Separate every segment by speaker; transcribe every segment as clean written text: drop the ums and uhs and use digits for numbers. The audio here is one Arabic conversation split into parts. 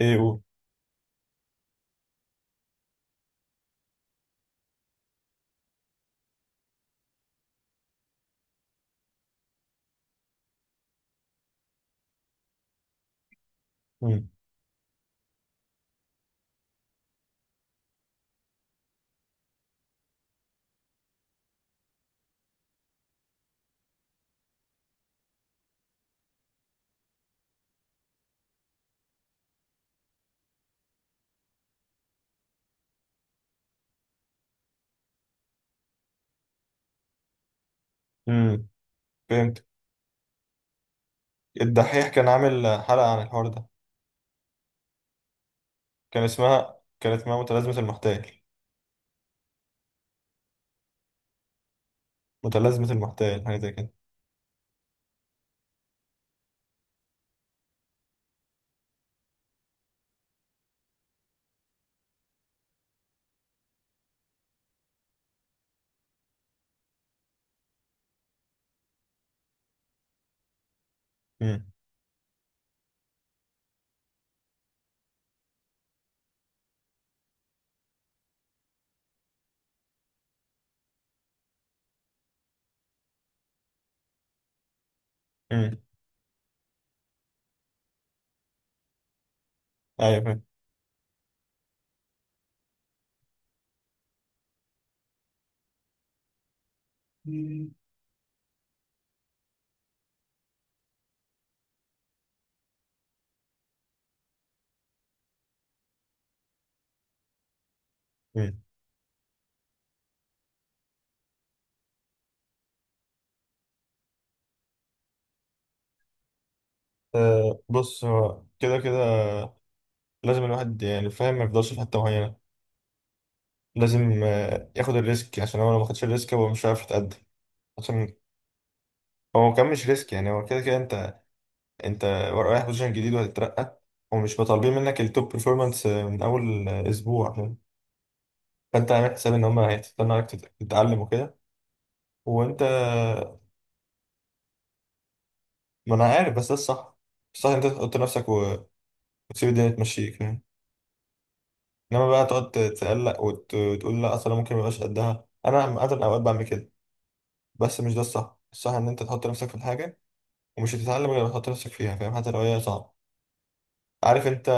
Speaker 1: ايه، قول. مم. مم. فهمت. الدحيح كان عامل حلقة عن الحوار ده، كان اسمها متلازمة المحتال. متلازمة المحتال حاجة زي كده. مم. مم. ايوه، فاهم. مم. مم. آه، بص، هو كده كده لازم الواحد، يعني، فاهم، ما يفضلش في حتة معينة. لازم ياخد الريسك، عشان هو لو ما خدش الريسك هو مش عارف يتقدم. عشان هو كان مش ريسك، يعني هو كده كده انت رايح بوزيشن جديد وهتترقى، ومش مطالبين منك التوب بيرفورمانس من اول اسبوع. فانت عامل حساب ان هم هيستنوا عليك تتعلم وكده، وانت ما انا عارف، بس ده الصح. الصح إن انت تحط نفسك وتسيب الدنيا تمشيك، يعني. انما بقى تقعد تتقلق وتقول لا اصلا ممكن ميبقاش قدها. انا اغلب اوقات بعمل كده. بس مش ده الصح. الصح ان انت تحط نفسك في الحاجه، ومش هتتعلم غير لما تحط نفسك فيها، فاهم؟ حتى لو هي صعبه. عارف انت،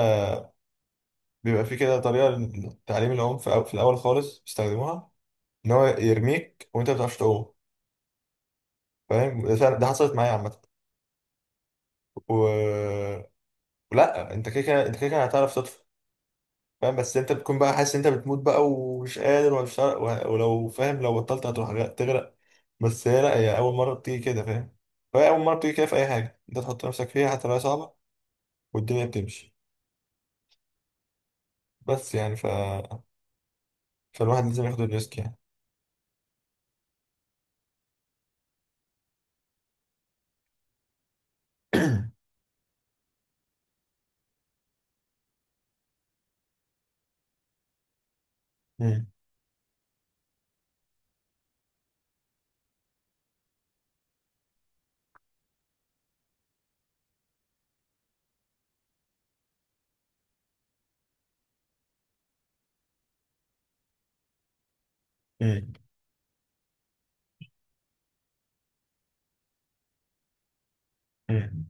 Speaker 1: بيبقى في كده طريقه لتعليم العوم في في الاول خالص بيستخدموها، ان هو يرميك وانت ما بتعرفش تعوم. فاهم؟ ده حصلت معايا عامه. و... لا، انت كده كده هتعرف تطفو. فاهم؟ بس انت بتكون بقى حاسس ان انت بتموت بقى ومش قادر ومش ولو، فاهم، لو بطلت هتروح تغرق. بس هي، لا، هي اول مره بتيجي كده، فاهم؟ فهي اول مره بتيجي كده في اي حاجه انت تحط نفسك فيها، حتى لو هي صعبه، والدنيا بتمشي. بس يعني، فالواحد لازم ياخد الريسك، يعني. مم. مم. مم.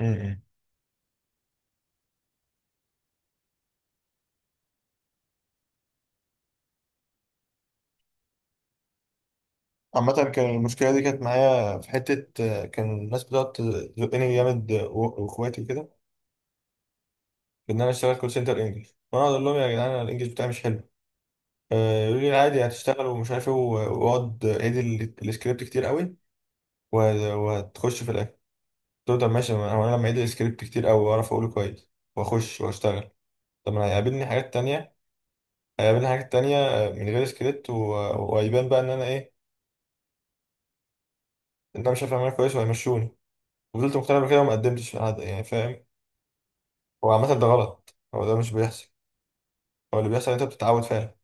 Speaker 1: مم. عامة كان المشكلة دي كانت معايا في حتة، كان الناس بتقعد تزقني جامد، واخواتي كده، في ان انا اشتغل كول سنتر انجلش، وانا اقول لهم يا جدعان أنا الانجلش بتاعي مش حلو. يقول لي عادي هتشتغل ومش عارف ايه، واقعد اعيد السكريبت كتير قوي، و- وهتخش في الاخر. قلت له طب ماشي، ما هو انا لما اعيد السكريبت كتير قوي واعرف اقوله كويس واخش واشتغل. طب ما هيقابلني حاجات تانية، هيقابلني حاجات تانية من غير سكريبت، وهيبان بقى ان انا ايه؟ ان انا مش عارف اعملها كويس، وهيمشوني. وفضلت مقتنع بكده وما قدمتش على حد، يعني، فاهم؟ هو عامة ده غلط، هو ده مش بيحصل. هو اللي بيحصل إن انت بتتعود فعلا.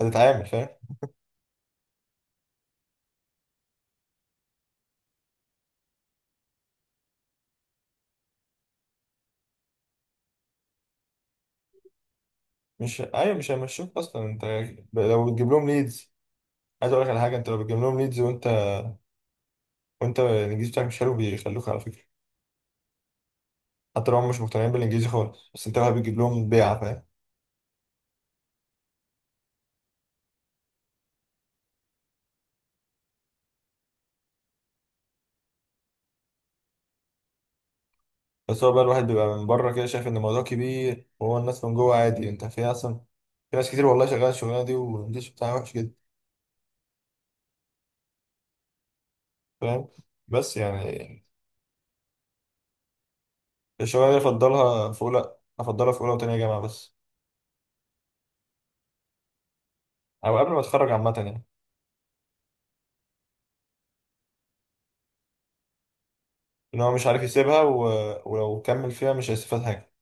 Speaker 1: هتتعامل، فاهم؟ مش، ايوه، مش هيمشوك اصلا انت لو بتجيب لهم ليدز. عايز اقول لك على حاجه، انت لو بتجيب لهم ليدز وانت الانجليزي بتاعك مش حلو بيخلوك على فكره. حتى لو هم مش مقتنعين بالانجليزي خالص، بس انت بقى بتجيب لهم بيعه، فاهم؟ بس هو بقى الواحد بيبقى من بره كده شايف ان الموضوع كبير، وهو الناس من جوه عادي، انت في اصلا في ناس كتير، والله، شغاله الشغلانه دي والانجليزي بتاعها وحش جدا، فاهم؟ بس يعني، الشغلانه دي افضلها في اولى وتانية جامعه بس، او قبل ما اتخرج عامه يعني. ان هو مش عارف يسيبها، ولو كمل فيها مش هيستفاد حاجه.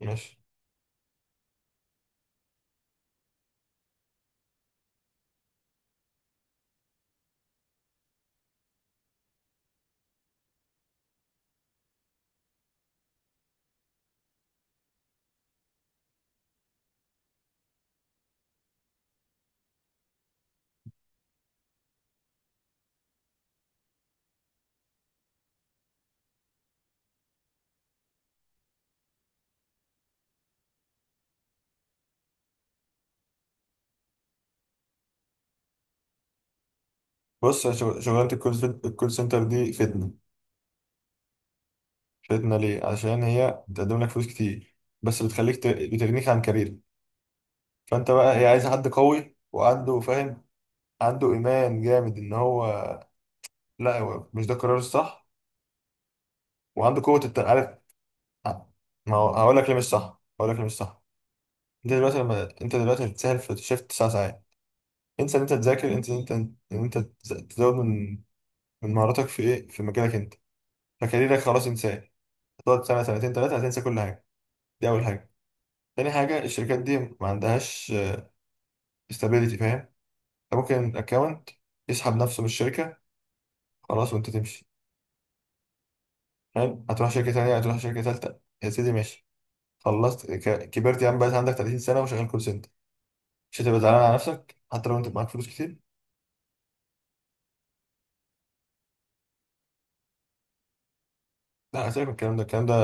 Speaker 1: ماشي. بص يا شغلانه، الكول الكول سنتر دي فتنه. شدنا ليه عشان هي بتقدم لك فلوس كتير، بس بتخليك بتغنيك عن كارير. فانت بقى، هي عايزه حد قوي وعنده، فاهم، عنده ايمان جامد ان هو، لا، هو مش ده القرار الصح، وعنده قوه عارف. ما هو هقول لك ليه مش صح، هقول لك ليه مش صح. انت دلوقتي لما انت دلوقتي بتسهل في شيفت تسع ساعات. انسى ان انت تذاكر، انسى ان انت تزود من مهاراتك في ايه، في مجالك انت. فكاريرك خلاص، انساه. هتقعد سنه سنتين ثلاثه هتنسى كل حاجه. دي اول حاجه. تاني حاجة، الشركات دي ما عندهاش استابيليتي، فاهم؟ انت ممكن اكونت يسحب نفسه من الشركه، خلاص وانت تمشي. حلو، هتروح شركه تانيه، هتروح شركه تالته، يا سيدي، ماشي، خلصت، كبرت يا عم، بقيت عندك 30 سنه وشغال كول سنتر. مش هتبقى زعلان على نفسك حتى لو انت معاك فلوس كتير؟ لا، سيبك من الكلام ده. الكلام ده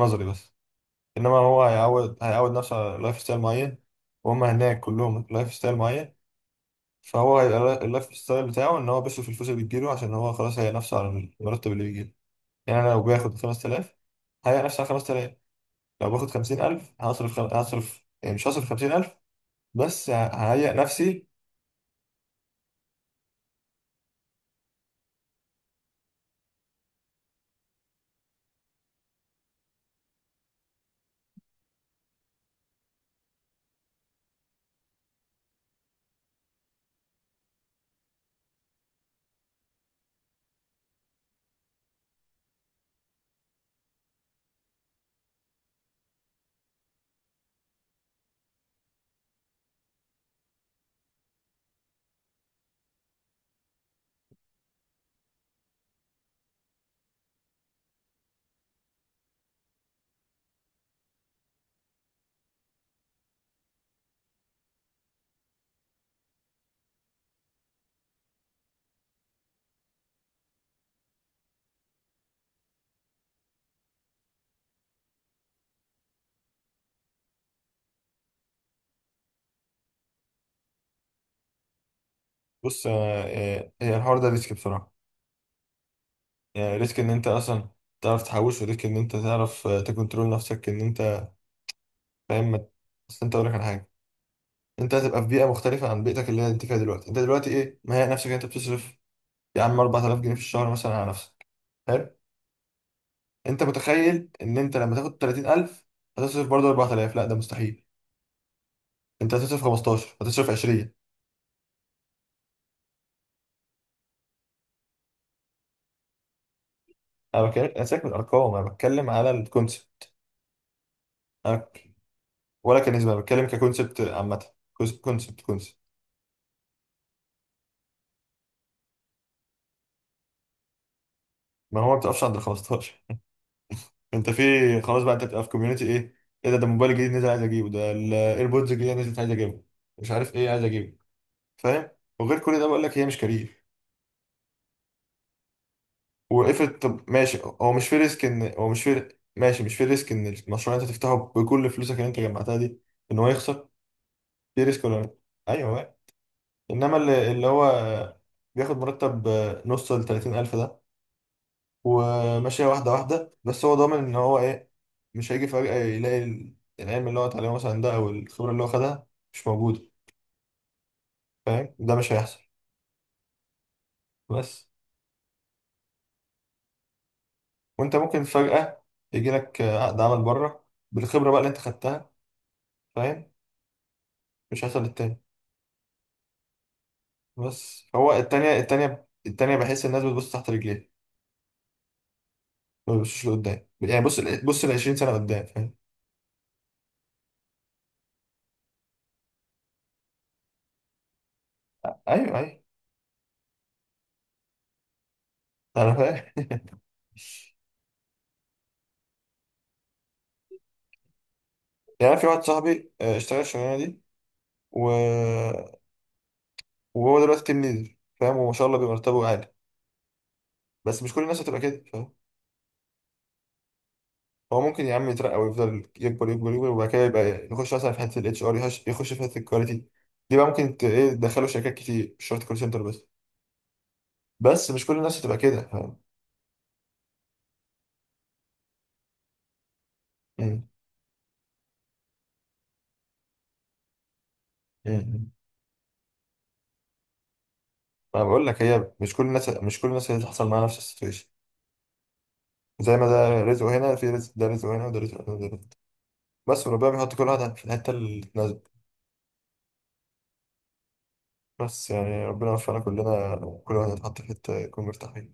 Speaker 1: نظري بس. انما هو هيعود نفسه على لايف ستايل معين. وهم هناك كلهم لايف ستايل معين. فهو هيبقى اللايف ستايل بتاعه ان هو بيصرف الفلوس اللي بتجيله، عشان هو خلاص هيأ نفسه على المرتب اللي بيجيله. يعني انا لو باخد 5000، هيأ نفسه على 5000. لو باخد خمسين ألف، هصرف يعني، مش هصرف خمسين ألف، بس ههيئ نفسي. بص، هي، الحوار ده ريسك بصراحة. يعني ريسك إن أنت أصلا تعرف تحوش، وريسك إن أنت تعرف تكنترول نفسك، إن أنت فاهم بس أنت، أقول لك على حاجة، أنت هتبقى في بيئة مختلفة عن بيئتك اللي أنت فيها دلوقتي. أنت دلوقتي إيه؟ مهيئ نفسك إن أنت بتصرف، يا عم، 4000 جنيه في الشهر مثلا على نفسك، حلو. أنت متخيل إن أنت لما تاخد 30,000 هتصرف برضه 4000؟ لا، ده مستحيل. أنت هتصرف 15، هتصرف 20. انا بتكلم، انا ساكت من الارقام، انا بتكلم على الكونسبت. انا ولا كنسبه، انا بتكلم ككونسبت عامه. كونسبت كونسبت. ما هو ما بتقفش عند ال 15. انت، في خلاص بقى، انت بتبقى في كوميونتي ايه، ايه ده؟ ده موبايل جديد نزل، عايز اجيبه. ده الايربودز الجديده نزلت، عايز اجيبه. مش عارف ايه، عايز اجيبه، فاهم؟ وغير كل ده بقول لك هي مش كارير. وقفت. طب ماشي، هو مش في ريسك ان هو مش في، ماشي، مش في ريسك ان المشروع اللي انت تفتحه بكل فلوسك اللي انت جمعتها دي ان هو يخسر؟ في ريسك ولا لا؟ ايوه. انما اللي هو بياخد مرتب نص ل 30,000 ده، وماشيه واحده واحده، بس هو ضامن ان هو ايه؟ مش هيجي فجاه يلاقي العلم اللي هو اتعلمه مثلا ده، او الخبره اللي هو خدها، مش موجوده. فاهم؟ ده مش هيحصل. بس وانت ممكن فجاه يجي لك عقد عمل بره بالخبره بقى اللي انت خدتها، فاهم؟ مش هيحصل للتاني. بس هو، التانية التانية التانية، بحس الناس بتبص تحت رجليها. ما بتبصش لقدام، يعني، بص بص ال 20 سنه قدام، فاهم؟ ايوه، ايوه، انا فاهم، يعني. أنا في واحد صاحبي، اشتغل الشغلانه دي، و... وهو دلوقتي تيم ليدر، فاهم؟ وما شاء الله بيبقى مرتبه عالي. بس مش كل الناس هتبقى كده، فاهم؟ هو ممكن يا عم يترقى ويفضل يكبر يكبر يكبر، وبعد كده يبقى يخش مثلا في حته الاتش ار، يخش في حته الكواليتي. دي بقى ممكن ايه، تدخله شركات كتير، مش شرط كول سنتر بس. بس مش كل الناس هتبقى كده، فاهم؟ مم. مم. انا بقول لك، هي مش كل الناس، مش كل الناس هتحصل معاها نفس السيتويشن. زي ما ده رزقه هنا، في رزق ده رزقه هنا، وده رزقه هنا، وده رزقه بس. وربنا بيحط كل واحد في الحته اللي تناسبه. بس يعني، ربنا يوفقنا كلنا، كل واحد يتحط في حتة يكون مرتاح فيها.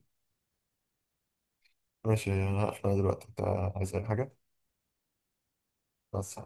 Speaker 1: ماشي، أنا هقفل. أنا دلوقتي، أنت عايز أي حاجة؟ بس.